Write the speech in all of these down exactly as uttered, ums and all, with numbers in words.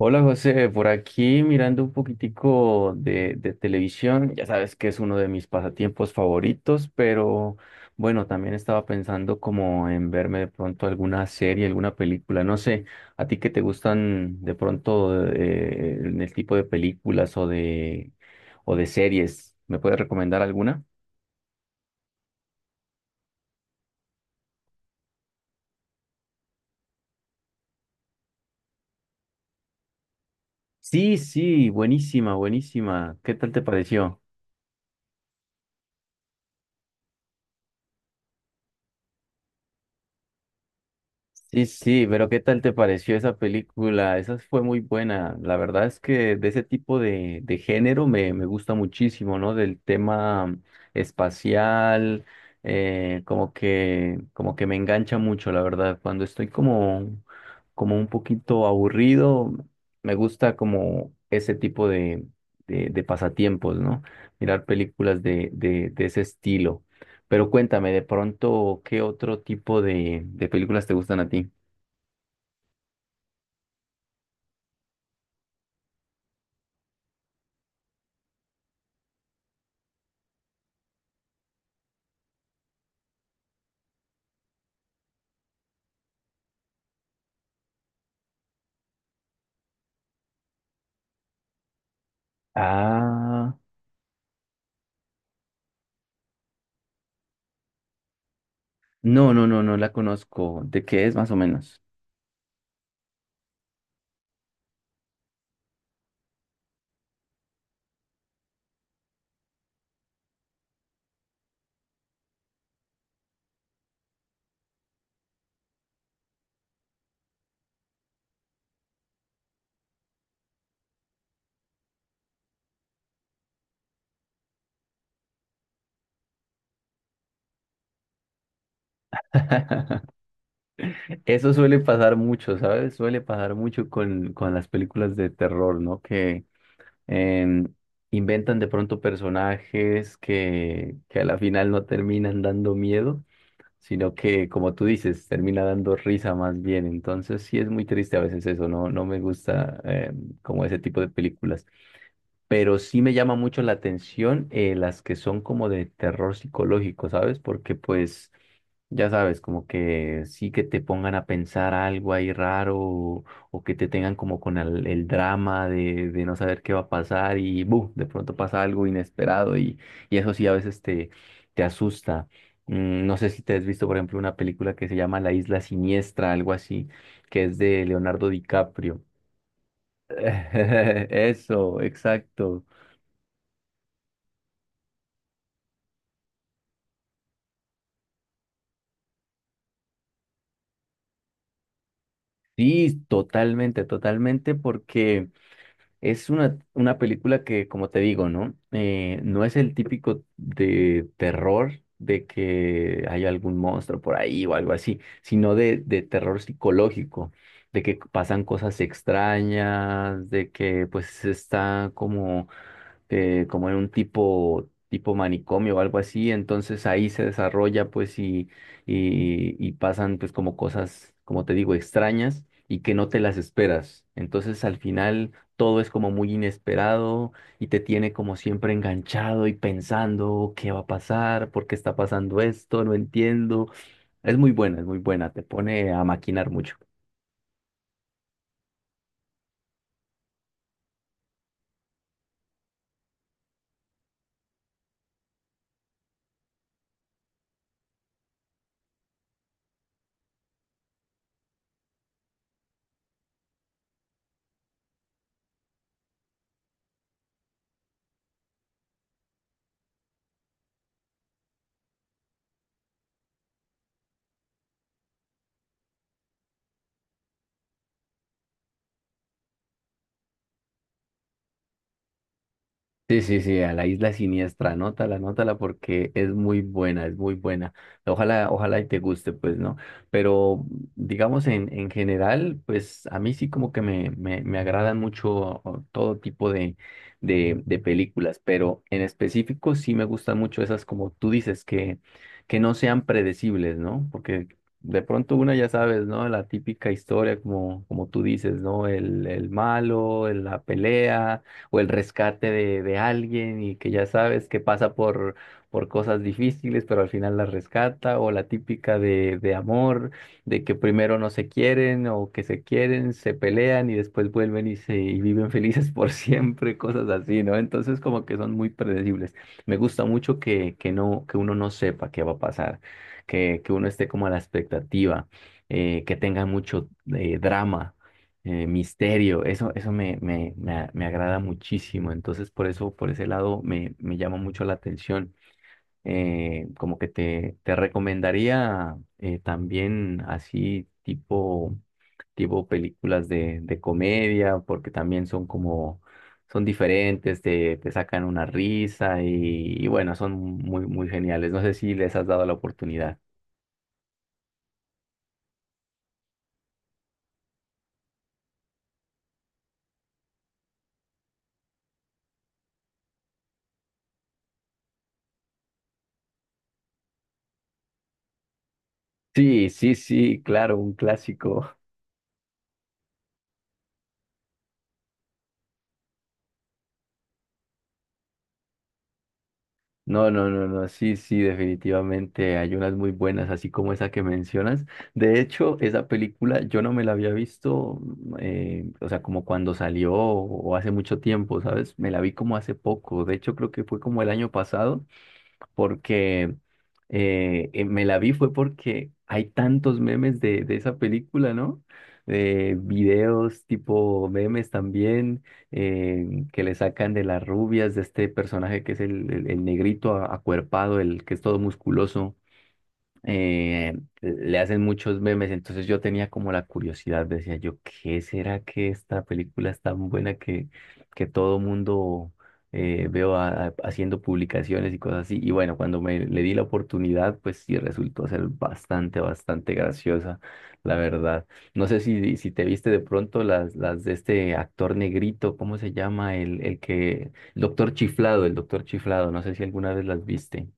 Hola José, por aquí mirando un poquitico de, de televisión, ya sabes que es uno de mis pasatiempos favoritos, pero bueno, también estaba pensando como en verme de pronto alguna serie, alguna película, no sé, a ti que te gustan de pronto eh, en el tipo de películas o de, o de series, ¿me puedes recomendar alguna? Sí, sí, buenísima, buenísima, ¿qué tal te pareció? Sí, sí, pero ¿qué tal te pareció esa película? Esa fue muy buena. La verdad es que de ese tipo de, de género me, me gusta muchísimo, ¿no? Del tema espacial, eh, como que, como que me engancha mucho, la verdad. Cuando estoy como, como un poquito aburrido, me gusta como ese tipo de, de, de pasatiempos, ¿no? Mirar películas de, de, de ese estilo. Pero cuéntame, de pronto, ¿qué otro tipo de, de películas te gustan a ti? Ah, no, no, no, no la conozco. ¿De qué es más o menos? Eso suele pasar mucho, ¿sabes? Suele pasar mucho con, con las películas de terror, ¿no? Que em, inventan de pronto personajes que, que a la final no terminan dando miedo, sino que, como tú dices, termina dando risa más bien. Entonces sí es muy triste a veces eso, ¿no? No me gusta em, como ese tipo de películas. Pero sí me llama mucho la atención eh, las que son como de terror psicológico, ¿sabes? Porque pues, ya sabes, como que sí que te pongan a pensar algo ahí raro o, o que te tengan como con el, el drama de, de no saber qué va a pasar, y ¡bu! De pronto pasa algo inesperado y, y eso sí a veces te, te asusta. Mm, no sé si te has visto, por ejemplo, una película que se llama La Isla Siniestra, algo así, que es de Leonardo DiCaprio. Eso, exacto. Sí, totalmente, totalmente, porque es una, una película que, como te digo, ¿no? Eh, no es el típico de terror de que hay algún monstruo por ahí o algo así, sino de, de terror psicológico, de que pasan cosas extrañas, de que pues está como eh, como en un tipo, tipo manicomio o algo así, entonces ahí se desarrolla pues y, y, y pasan pues como cosas, como te digo, extrañas y que no te las esperas. Entonces al final todo es como muy inesperado y te tiene como siempre enganchado y pensando qué va a pasar, por qué está pasando esto, no entiendo. Es muy buena, es muy buena, te pone a maquinar mucho. Sí, sí, sí, a la isla siniestra, anótala, anótala porque es muy buena, es muy buena. Ojalá, ojalá y te guste, pues, ¿no? Pero digamos en, en general, pues a mí sí como que me, me, me agradan mucho o, todo tipo de, de, de películas, pero en específico sí me gustan mucho esas como tú dices, que, que no sean predecibles, ¿no? Porque de pronto una ya sabes, ¿no? La típica historia como, como tú dices, ¿no? El, el malo, la pelea o el rescate de, de alguien y que ya sabes que pasa por, por cosas difíciles, pero al final la rescata, o la típica de, de amor, de que primero no se quieren o que se quieren, se pelean y después vuelven y, se, y viven felices por siempre, cosas así, ¿no? Entonces como que son muy predecibles. Me gusta mucho que, que, no, que uno no sepa qué va a pasar, que, que uno esté como a la expectativa, eh, que tenga mucho eh, drama, eh, misterio, eso, eso me, me, me, a- me agrada muchísimo, entonces por eso, por ese lado me, me llama mucho la atención. Eh, como que te, te recomendaría eh, también así tipo, tipo películas de, de comedia, porque también son como, son diferentes, te, te sacan una risa y, y bueno, son muy, muy geniales. No sé si les has dado la oportunidad. Sí, sí, sí, claro, un clásico. No, no, no, no, sí, sí, definitivamente hay unas muy buenas, así como esa que mencionas. De hecho, esa película yo no me la había visto, mm, eh, o sea, como cuando salió o hace mucho tiempo, ¿sabes? Me la vi como hace poco, de hecho creo que fue como el año pasado porque eh, eh, me la vi fue porque hay tantos memes de, de esa película, ¿no? Eh, videos tipo memes también eh, que le sacan de las rubias, de este personaje que es el, el- el negrito a- acuerpado, el que es todo musculoso, eh, le hacen muchos memes, entonces yo tenía como la curiosidad, decía yo, ¿qué será que esta película es tan buena que, que todo mundo eh, veo a- a- haciendo publicaciones y cosas así? Y bueno, cuando me le di la oportunidad, pues sí resultó ser bastante, bastante graciosa, la verdad. No sé si, si te viste de pronto las, las de este actor negrito, ¿cómo se llama? El, el que, el doctor Chiflado, el doctor Chiflado, no sé si alguna vez las viste.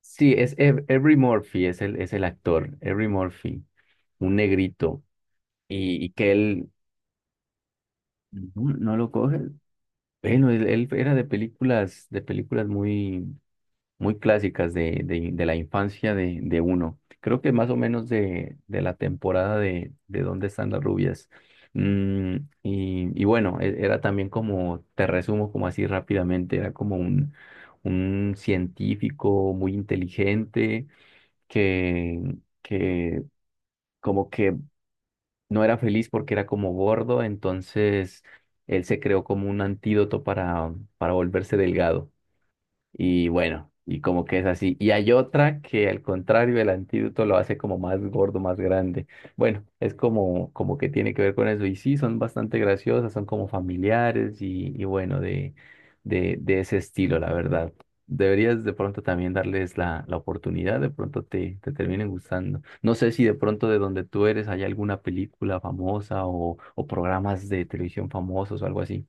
Sí, es Ev- Every Murphy, es el, es el actor, Every Murphy, un negrito, y, y que él no, no lo coge. Bueno, él, él era de películas, de películas muy, muy clásicas de, de, de la infancia de, de uno. Creo que más o menos de, de la temporada de, de ¿Dónde están las rubias? Mm, y, y bueno, e- era también como, te resumo como así rápidamente, era como un, un científico muy inteligente que, que como que no era feliz porque era como gordo, entonces él se creó como un antídoto para, para volverse delgado. Y bueno, y como que es así. Y hay otra que al contrario, el antídoto lo hace como más gordo, más grande. Bueno, es como, como que tiene que ver con eso. Y sí, son bastante graciosas, son como familiares y, y bueno, de, de, de ese estilo, la verdad. Deberías de pronto también darles la, la oportunidad, de pronto te, te terminen gustando. No sé si de pronto de donde tú eres hay alguna película famosa o, o programas de televisión famosos o algo así.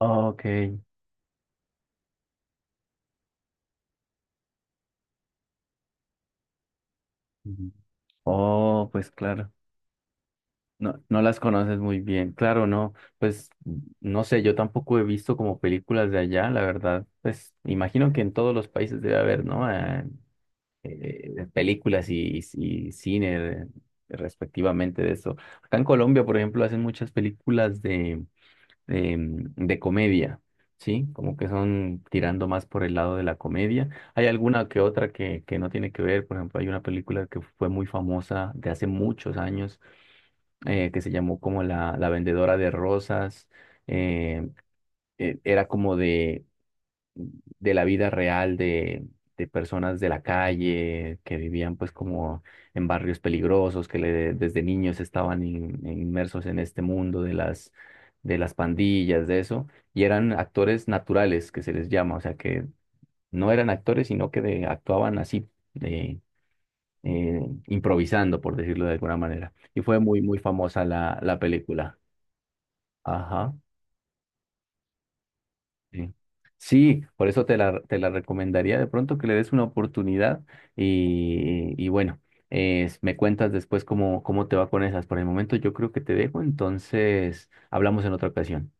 Ok. Ujú. Oh, pues claro. No, no las conoces muy bien, claro, no, pues no sé, yo tampoco he visto como películas de allá, la verdad, pues imagino que en todos los países debe haber, ¿no? Eh, eh, películas y, y cine de- respectivamente de eso. Acá en Colombia, por ejemplo, hacen muchas películas de, de, de comedia, ¿sí? Como que son tirando más por el lado de la comedia. Hay alguna que otra que, que no tiene que ver, por ejemplo, hay una película que fue muy famosa de hace muchos años eh, que se llamó como la, la vendedora de rosas. eh, eh, Era como de, de la vida real de, de personas de la calle que vivían pues como en barrios peligrosos, que le- desde niños estaban in- inmersos en este mundo de las, de las pandillas, de eso. Y eran actores naturales, que se les llama, o sea que no eran actores, sino que de- actuaban así. De, eh, improvisando, por decirlo de alguna manera. Y fue muy, muy famosa la, la película. Ajá, sí. Sí, por eso te la, te la recomendaría de pronto que le des una oportunidad y, y bueno, eh, me cuentas después cómo, cómo te va con esas. Por el momento yo creo que te dejo, entonces hablamos en otra ocasión.